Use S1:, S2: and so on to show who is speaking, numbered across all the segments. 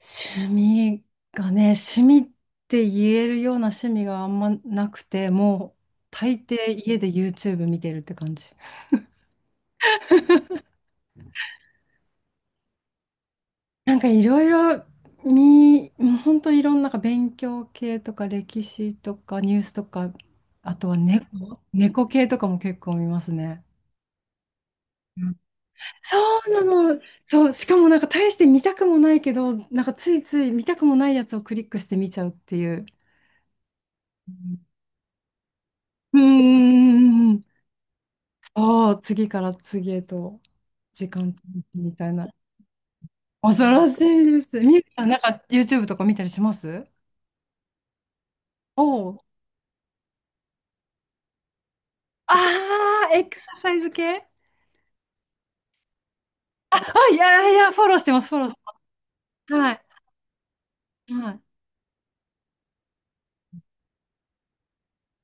S1: 趣味がね、趣味って言えるような趣味があんまなくて、もう大抵家で YouTube 見てるって感じ。なんかいろいろもうほんといろんななんか勉強系とか歴史とかニュースとか、あとは猫系とかも結構見ますね。うん、そうなの。そう、しかもなんか大して見たくもないけど、なんかついつい見たくもないやつをクリックして見ちゃうっていう。うんうんうんうんうん、ああ、次から次へと時間みたいな。恐ろしいです。みゆきさん、なんか YouTube とか見たりします？おお。ああ、エクササイズ系。あ、いやいや、フォローしてます、フォローしてます。はい。はい。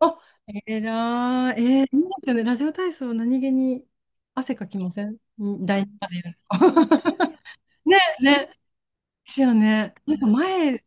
S1: お、えらい。えー、いいですよね。ラジオ体操、何気に汗かきませんん第2波でやると。ね、ね。ですよね。なんか前、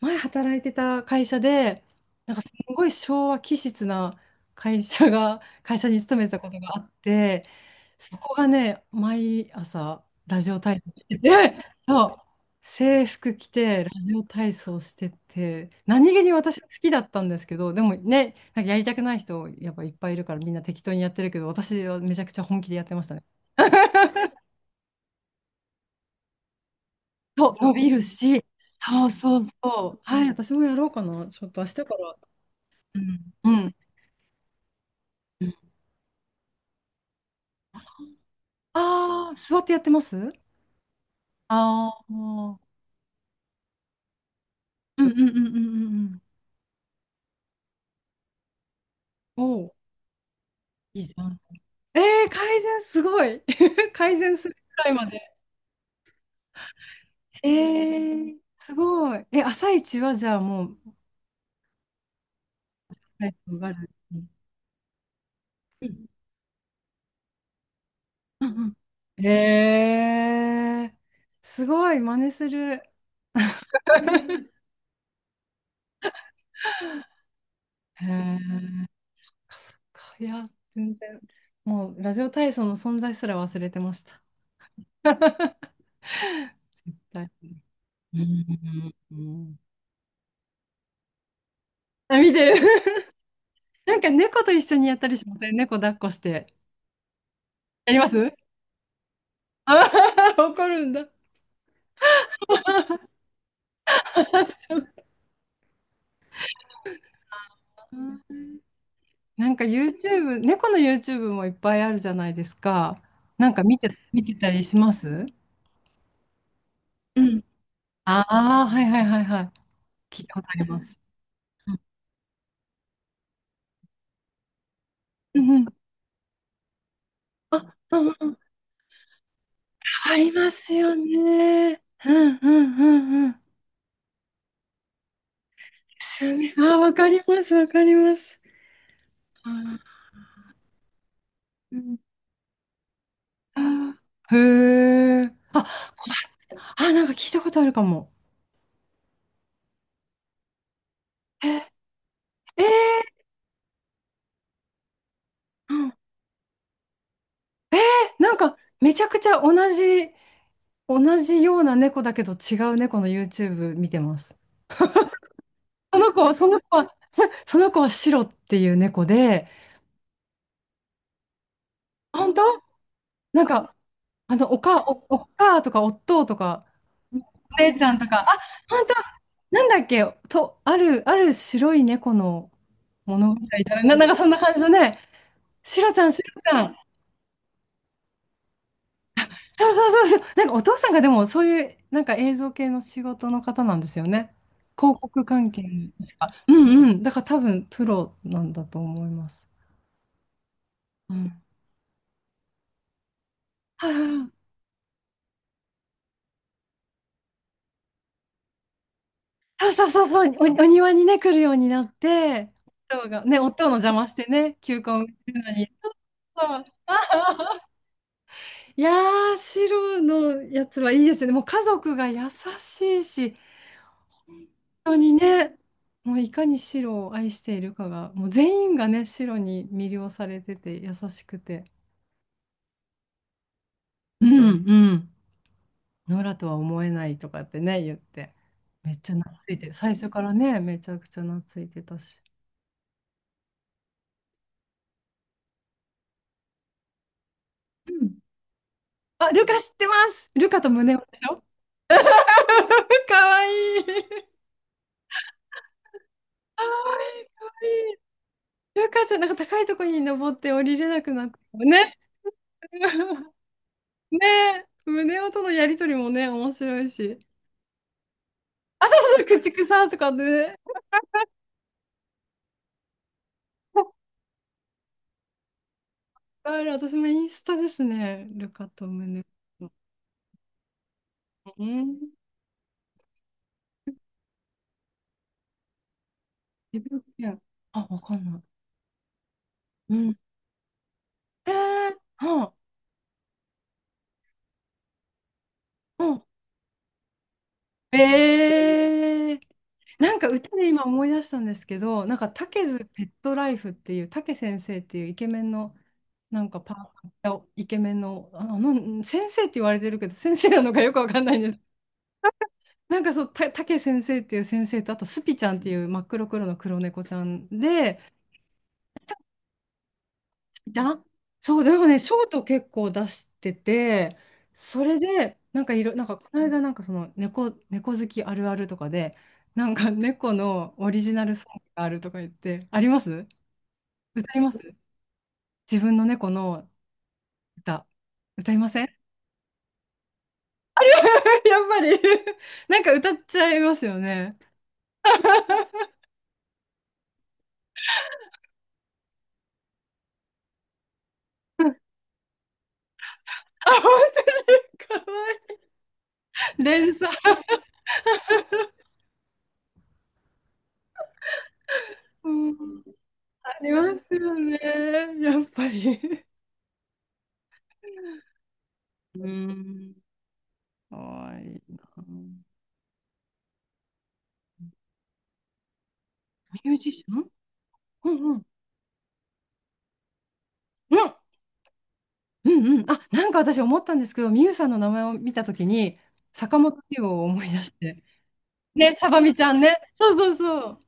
S1: 前働いてた会社で、なんかすごい昭和気質な会社が、会社に勤めてたことがあって、そこがね、毎朝ラジオ体操してて、そう、制服着てラジオ体操してて、何気に私は好きだったんですけど、でもね、なんかやりたくない人やっぱいっぱいいるからみんな適当にやってるけど、私はめちゃくちゃ本気でやってましたね。そう、伸びるし、そうそうそう。はい、私もやろうかな。ちょっと明日から。うん。うん、ああー、座ってやってます？ああー、うんうんうんうんうんうん、うん。おお。いいじゃん。ええー、改善すごい。改善するくらいまで。ええー、すごい。え、朝一はじゃあもう、はい、わかる。うんうんうん、ええ、すごい、真似する。へえ、そっか、いや、全然、もうラジオ体操の存在すら忘れてました。はい、うんうんうん、あ、見てる。なんか猫と一緒にやったりしません？猫抱っこして。やります？あー、 怒るんだ。そう。なんか YouTube、猫の YouTube もいっぱいあるじゃないですか。なんか見て、見てたりします？うん、ああー、はいはいはいはい。聞いたことあります。うんうん。あ、うんうん。ありますよね。うんうんうんうん。ですよね。あー、わかります、わかります。あー、うん、あー、へえ。あ、あ、なんか聞いたことあるかも。え、えー、うん、なんか、めちゃくちゃ同じ、同じような猫だけど違う猫の YouTube 見てます。その子は、その子は、その子はシロっていう猫で、本当、なんか、あの、おかとか、おっとうとか、お姉ちゃんとか、あ、本当、なんだっけ、と、ある白い猫の物語みたいな、な、なんかそんな感じのね、シロちゃん、シロちゃん。そうそうそうそう。なんかお父さんがでもそういう、なんか映像系の仕事の方なんですよね。広告関係の確か。うんうん。だから多分プロなんだと思います。うん。はいはいはい、そうそうそうそう。お、お庭にね、来るようになって、夫が、ね、夫の邪魔してね、球根を植えるのに。そう、 いやー、白のやつはいいですよね。もう家族が優しいし、本当にね、もういかに白を愛しているかが、もう全員がね、白に魅了されてて優しくて、うんうん、ノラとは思えないとかってね、言って、めっちゃ懐いて最初からね、めちゃくちゃ懐いてたし。うん、あ、ルカ知ってます。ルカと胸をでしょ？ かわいい。かわいい、かわいい。ルカちゃん、なんか高いとこに登って降りれなくなってね。ね。胸音とのやりとりもね、面白いし。あ、そうそうそう、駆逐さんとかね。ある、私もインスタですね。ルカとムネ。うん。自分ケア。あ、わかんない。うん。えー、は、あ、うん。えー、なんか歌で今思い出したんですけど、なんか竹ズペットライフっていう竹先生っていうイケメンのなんかパンイケメンの、あのうん、先生って言われてるけど先生なのかよくわかんないんです。なんかそうた竹先生っていう先生とあとスピちゃんっていう真っ黒黒の黒猫ちゃんで、スタッじゃん、そう、でもね、ショート結構出してて、それで、なんかいろ、なんかこの間、なんかその猫、猫好きあるあるとかで、なんか猫のオリジナルソングがあるとか言って、あります？歌います？自分の猫の歌、歌いません？ やっぱり、 なんか歌っちゃいますよね。あ、本当にかわいい。連鎖。うん、ありますよね。やっぱり。うん。かわいいな。ミュージシャン。うんうん。うんうんうん。あ、なんか私思ったんですけど、ミユさんの名前を見たときに、坂本龍を思い出して。ね、サバミちゃんね。そうそうそう。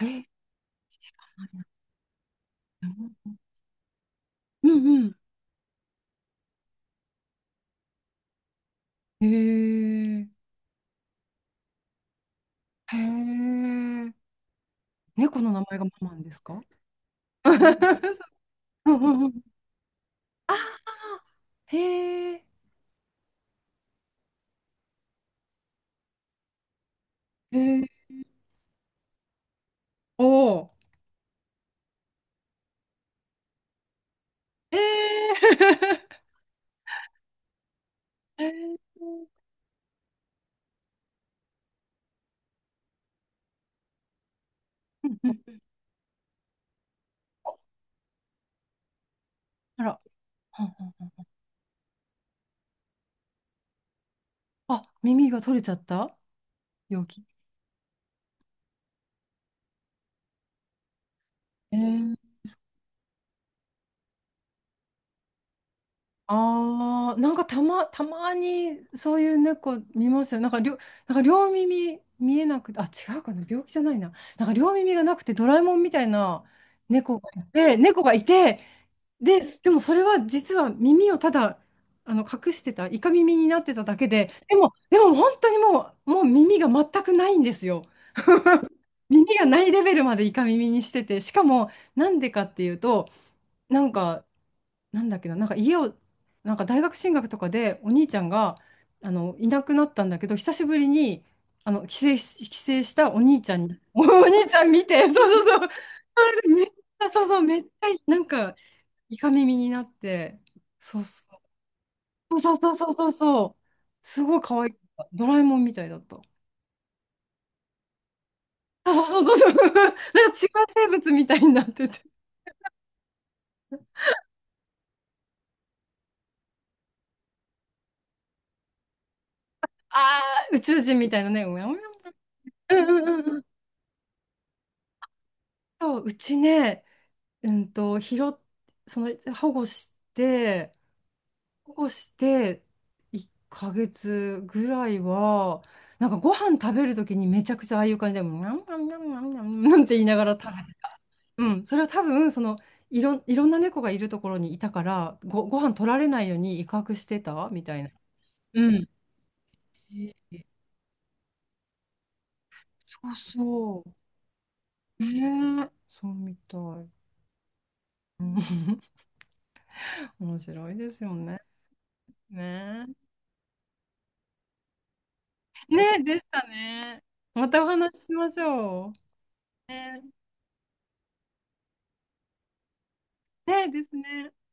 S1: え、うんうん。へえ。へえ。猫の名前がママンですか？ うんうんうん。ああ、へえ。へえ。おお。へえ。へえ、うんうん、あら。うんうん、あ、耳が取れちゃった病気。へ、ああ、なんかたまにそういう猫見ますよ。なんか両、なんか両耳見えなくて、あ、違うかな、病気じゃないな。なんか両耳がなくてドラえもんみたいな猫がいて、で、でもそれは実は耳をただあの隠してた、イカ耳になってただけで、でも、でも本当にもう、もう耳が全くないんですよ。耳がないレベルまでイカ耳にしてて、しかもなんでかっていうと、なんか、なんだっけな、なんか家を、なんか大学進学とかでお兄ちゃんがあのいなくなったんだけど、久しぶりにあの帰省したお兄ちゃんに、お兄ちゃん見て、そうそうそう、それでめっちゃ、そうそう、めっちゃなんかイカ耳になって、そうそうそうそうそうそうそう、すごい可愛かった。ドラえもんみたいだった。そうそうそうそう、なんか違う生物みたいになってて、ああ、宇宙人みたいなね、うやうや、うんうんうんうん。そう、うちね、うんと、拾っ、その、保護して、保護して、1ヶ月ぐらいは、なんかご飯食べるときにめちゃくちゃああいう感じで、ニャンニャンニャンニャンニャンなんて言いながら食べて、うん、それは多分、その、いろんな猫がいるところにいたから、ご飯取られないように威嚇してたみたいな。うん。し、そうそう。ねえ、そうみたい。うん、 面白いですよね。ねえ。ね、でしたね。またお話ししましょう。ね、ね、ですね。